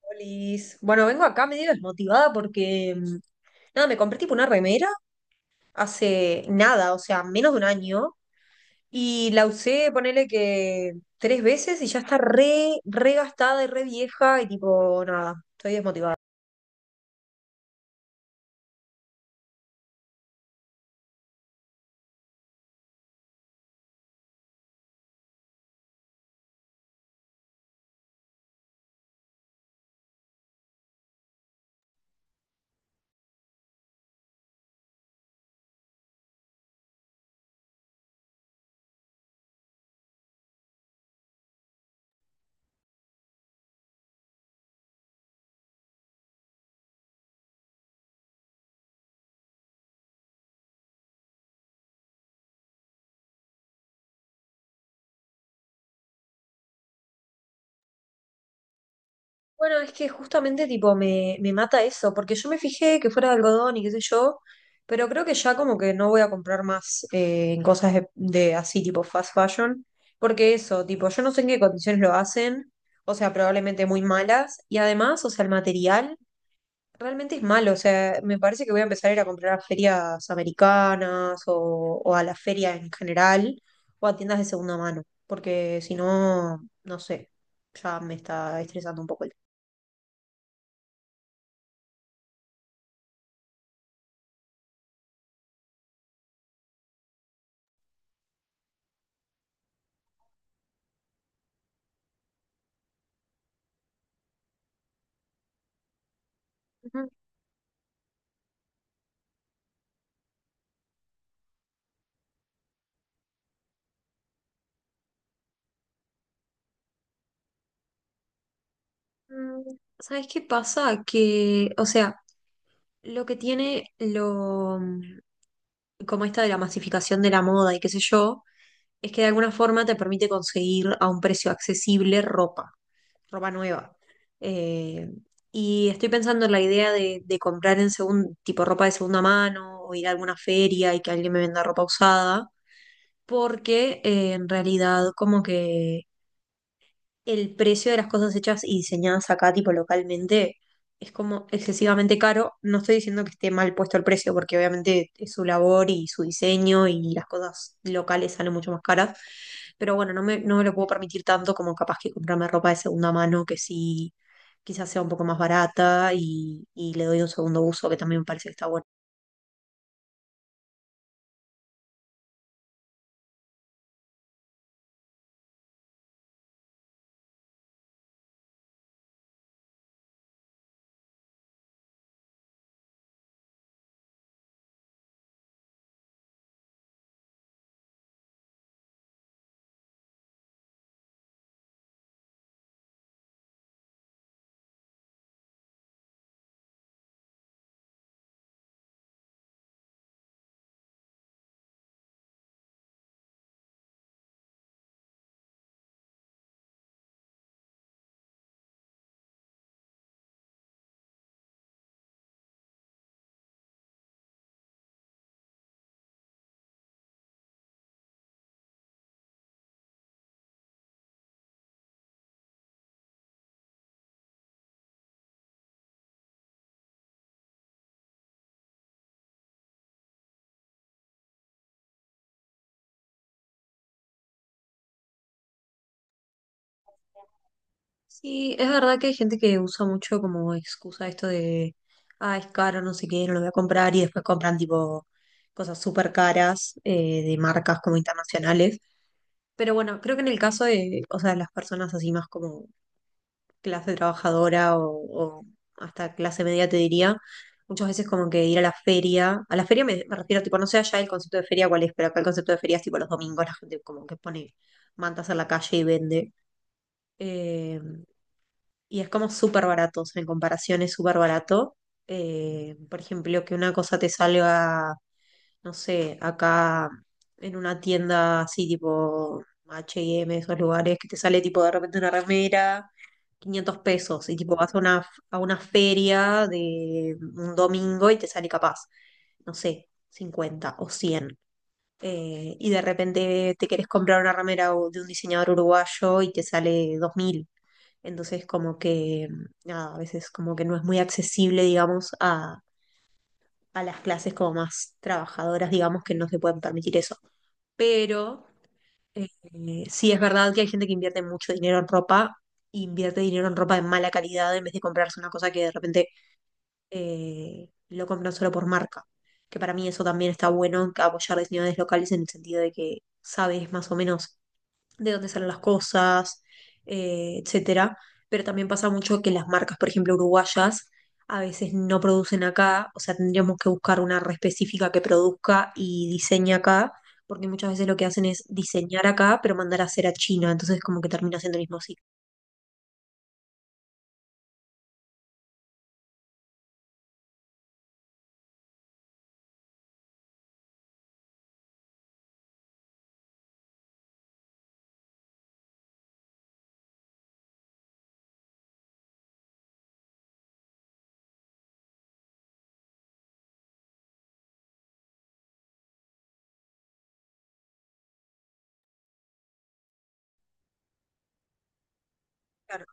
Polis Bueno, vengo acá medio desmotivada porque, nada, me compré tipo una remera hace nada, o sea, menos de un año, y la usé, ponele que tres veces y ya está re, re gastada y re vieja y tipo, nada, estoy desmotivada. Bueno, es que justamente tipo me mata eso, porque yo me fijé que fuera de algodón y qué sé yo, pero creo que ya como que no voy a comprar más en cosas de así tipo fast fashion, porque eso, tipo, yo no sé en qué condiciones lo hacen, o sea, probablemente muy malas, y además, o sea, el material realmente es malo, o sea, me parece que voy a empezar a ir a comprar a ferias americanas o a la feria en general, o a tiendas de segunda mano, porque si no, no sé, ya me está estresando un poco el tema. Mm, ¿Sabes qué pasa? Que, o sea, lo que tiene lo, como esta de la masificación de la moda y qué sé yo, es que de alguna forma te permite conseguir a un precio accesible ropa, ropa nueva. Eh, y estoy pensando en la idea de comprar tipo ropa de segunda mano o ir a alguna feria y que alguien me venda ropa usada, porque en realidad como que el precio de las cosas hechas y diseñadas acá, tipo localmente, es como excesivamente caro. No estoy diciendo que esté mal puesto el precio, porque obviamente es su labor y su diseño y las cosas locales salen mucho más caras. Pero bueno, no me lo puedo permitir tanto como capaz que comprarme ropa de segunda mano, que sí, quizás sea un poco más barata y le doy un segundo uso, que también me parece que está bueno. Sí, es verdad que hay gente que usa mucho como excusa esto de, ah, es caro, no sé qué, no lo voy a comprar, y después compran tipo cosas súper caras de marcas como internacionales. Pero bueno, creo que en el caso de, o sea, las personas así más como clase trabajadora o hasta clase media, te diría, muchas veces como que ir a la feria me refiero tipo, no sé allá el concepto de feria cuál es, pero acá el concepto de feria es tipo los domingos, la gente como que pone mantas en la calle y vende. Eh, y es como súper barato, o sea, en comparación es súper barato. Por ejemplo, que una cosa te salga, no sé, acá en una tienda así tipo H&M, esos lugares, que te sale tipo de repente una remera, 500 pesos, y tipo vas a una feria de un domingo y te sale capaz, no sé, 50 o 100. Y de repente te querés comprar una remera o- de un diseñador uruguayo y te sale 2000. Entonces, como que, nada, a veces como que no es muy accesible, digamos, a las clases como más trabajadoras, digamos, que no se pueden permitir eso. Pero eh, sí es verdad que hay gente que invierte mucho dinero en ropa, invierte dinero en ropa de mala calidad en vez de comprarse una cosa que de repente lo compran solo por marca. Que para mí eso también está bueno, apoyar diseñadores locales en el sentido de que sabes más o menos de dónde salen las cosas, etcétera. Pero también pasa mucho que las marcas, por ejemplo, uruguayas, a veces no producen acá, o sea, tendríamos que buscar una red específica que produzca y diseñe acá, porque muchas veces lo que hacen es diseñar acá, pero mandar a hacer a China, entonces como que termina siendo el mismo ciclo. Claro.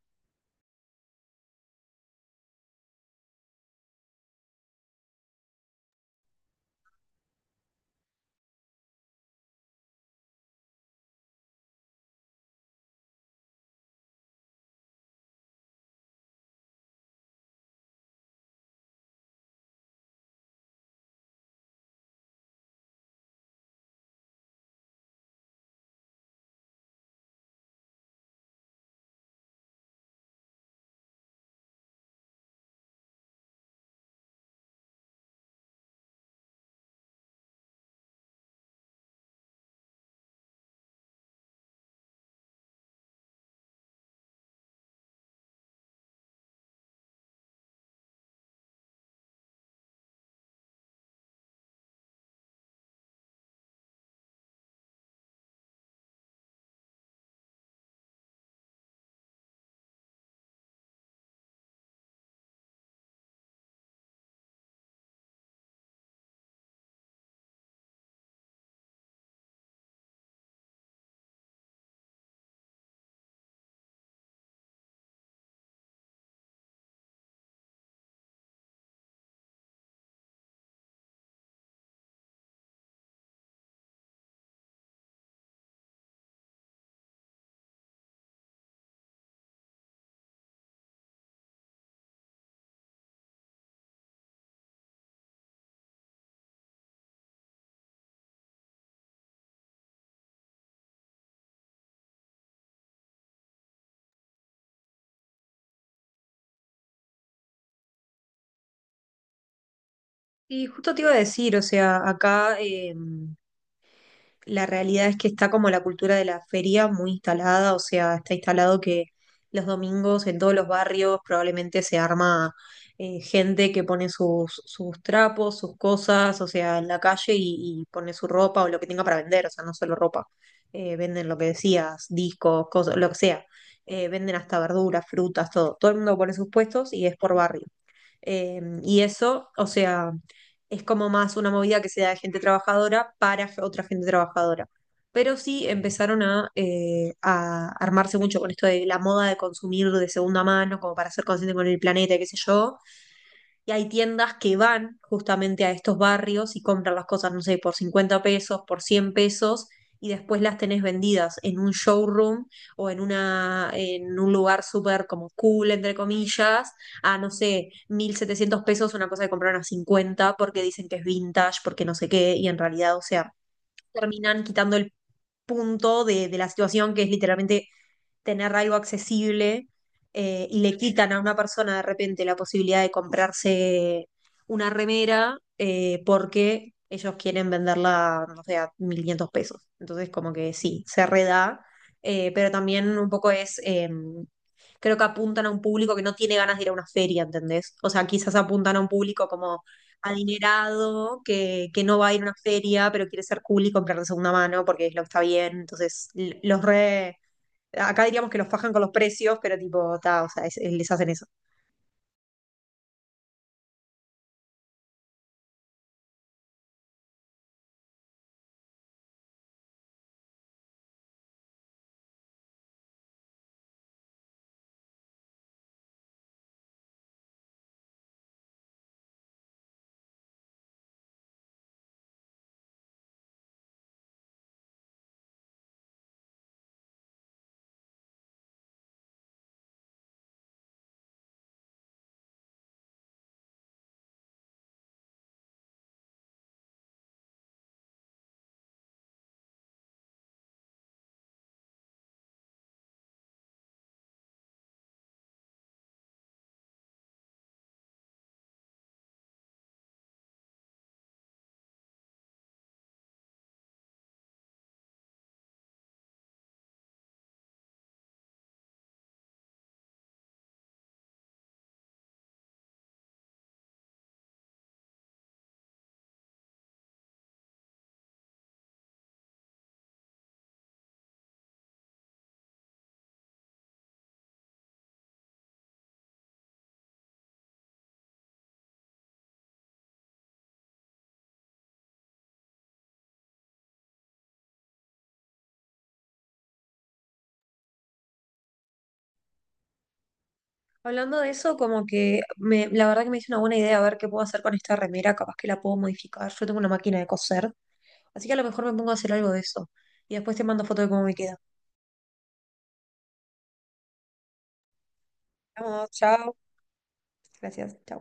Y justo te iba a decir, o sea, acá. La realidad es que está como la cultura de la feria muy instalada, o sea, está instalado que los domingos en todos los barrios probablemente se arma gente que pone sus trapos, sus cosas, o sea, en la calle y pone su ropa o lo que tenga para vender, o sea, no solo ropa. Venden lo que decías, discos, cosas, lo que sea. Venden hasta verduras, frutas, todo. Todo el mundo pone sus puestos y es por barrio. Y eso, o sea, es como más una movida que sea de gente trabajadora para otra gente trabajadora. Pero sí empezaron a, a armarse mucho con esto de la moda de consumir de segunda mano, como para ser consciente con el planeta y qué sé yo. Y hay tiendas que van justamente a estos barrios y compran las cosas, no sé, por 50 pesos, por 100 pesos, y después las tenés vendidas en un showroom o en un lugar súper como cool, entre comillas, a, no sé, 1.700 pesos, una cosa que compraron a 50 porque dicen que es vintage, porque no sé qué, y en realidad, o sea, terminan quitando el punto de la situación que es literalmente tener algo accesible y le quitan a una persona de repente la posibilidad de comprarse una remera porque ellos quieren venderla, no sé, a 1.500 pesos. Entonces, como que sí, se reda, pero también un poco es, creo que apuntan a un público que no tiene ganas de ir a una feria, ¿entendés? O sea, quizás apuntan a un público como adinerado, que no va a ir a una feria, pero quiere ser cool y comprar de segunda mano porque es lo que está bien. Entonces, l- los re Acá diríamos que los fajan con los precios, pero tipo, ta, o sea, les hacen eso. Hablando de eso, como que me, la verdad que me hizo una buena idea a ver qué puedo hacer con esta remera, capaz que la puedo modificar. Yo tengo una máquina de coser, así que a lo mejor me pongo a hacer algo de eso. Y después te mando foto de cómo me queda. Vamos, chao. Gracias, chao.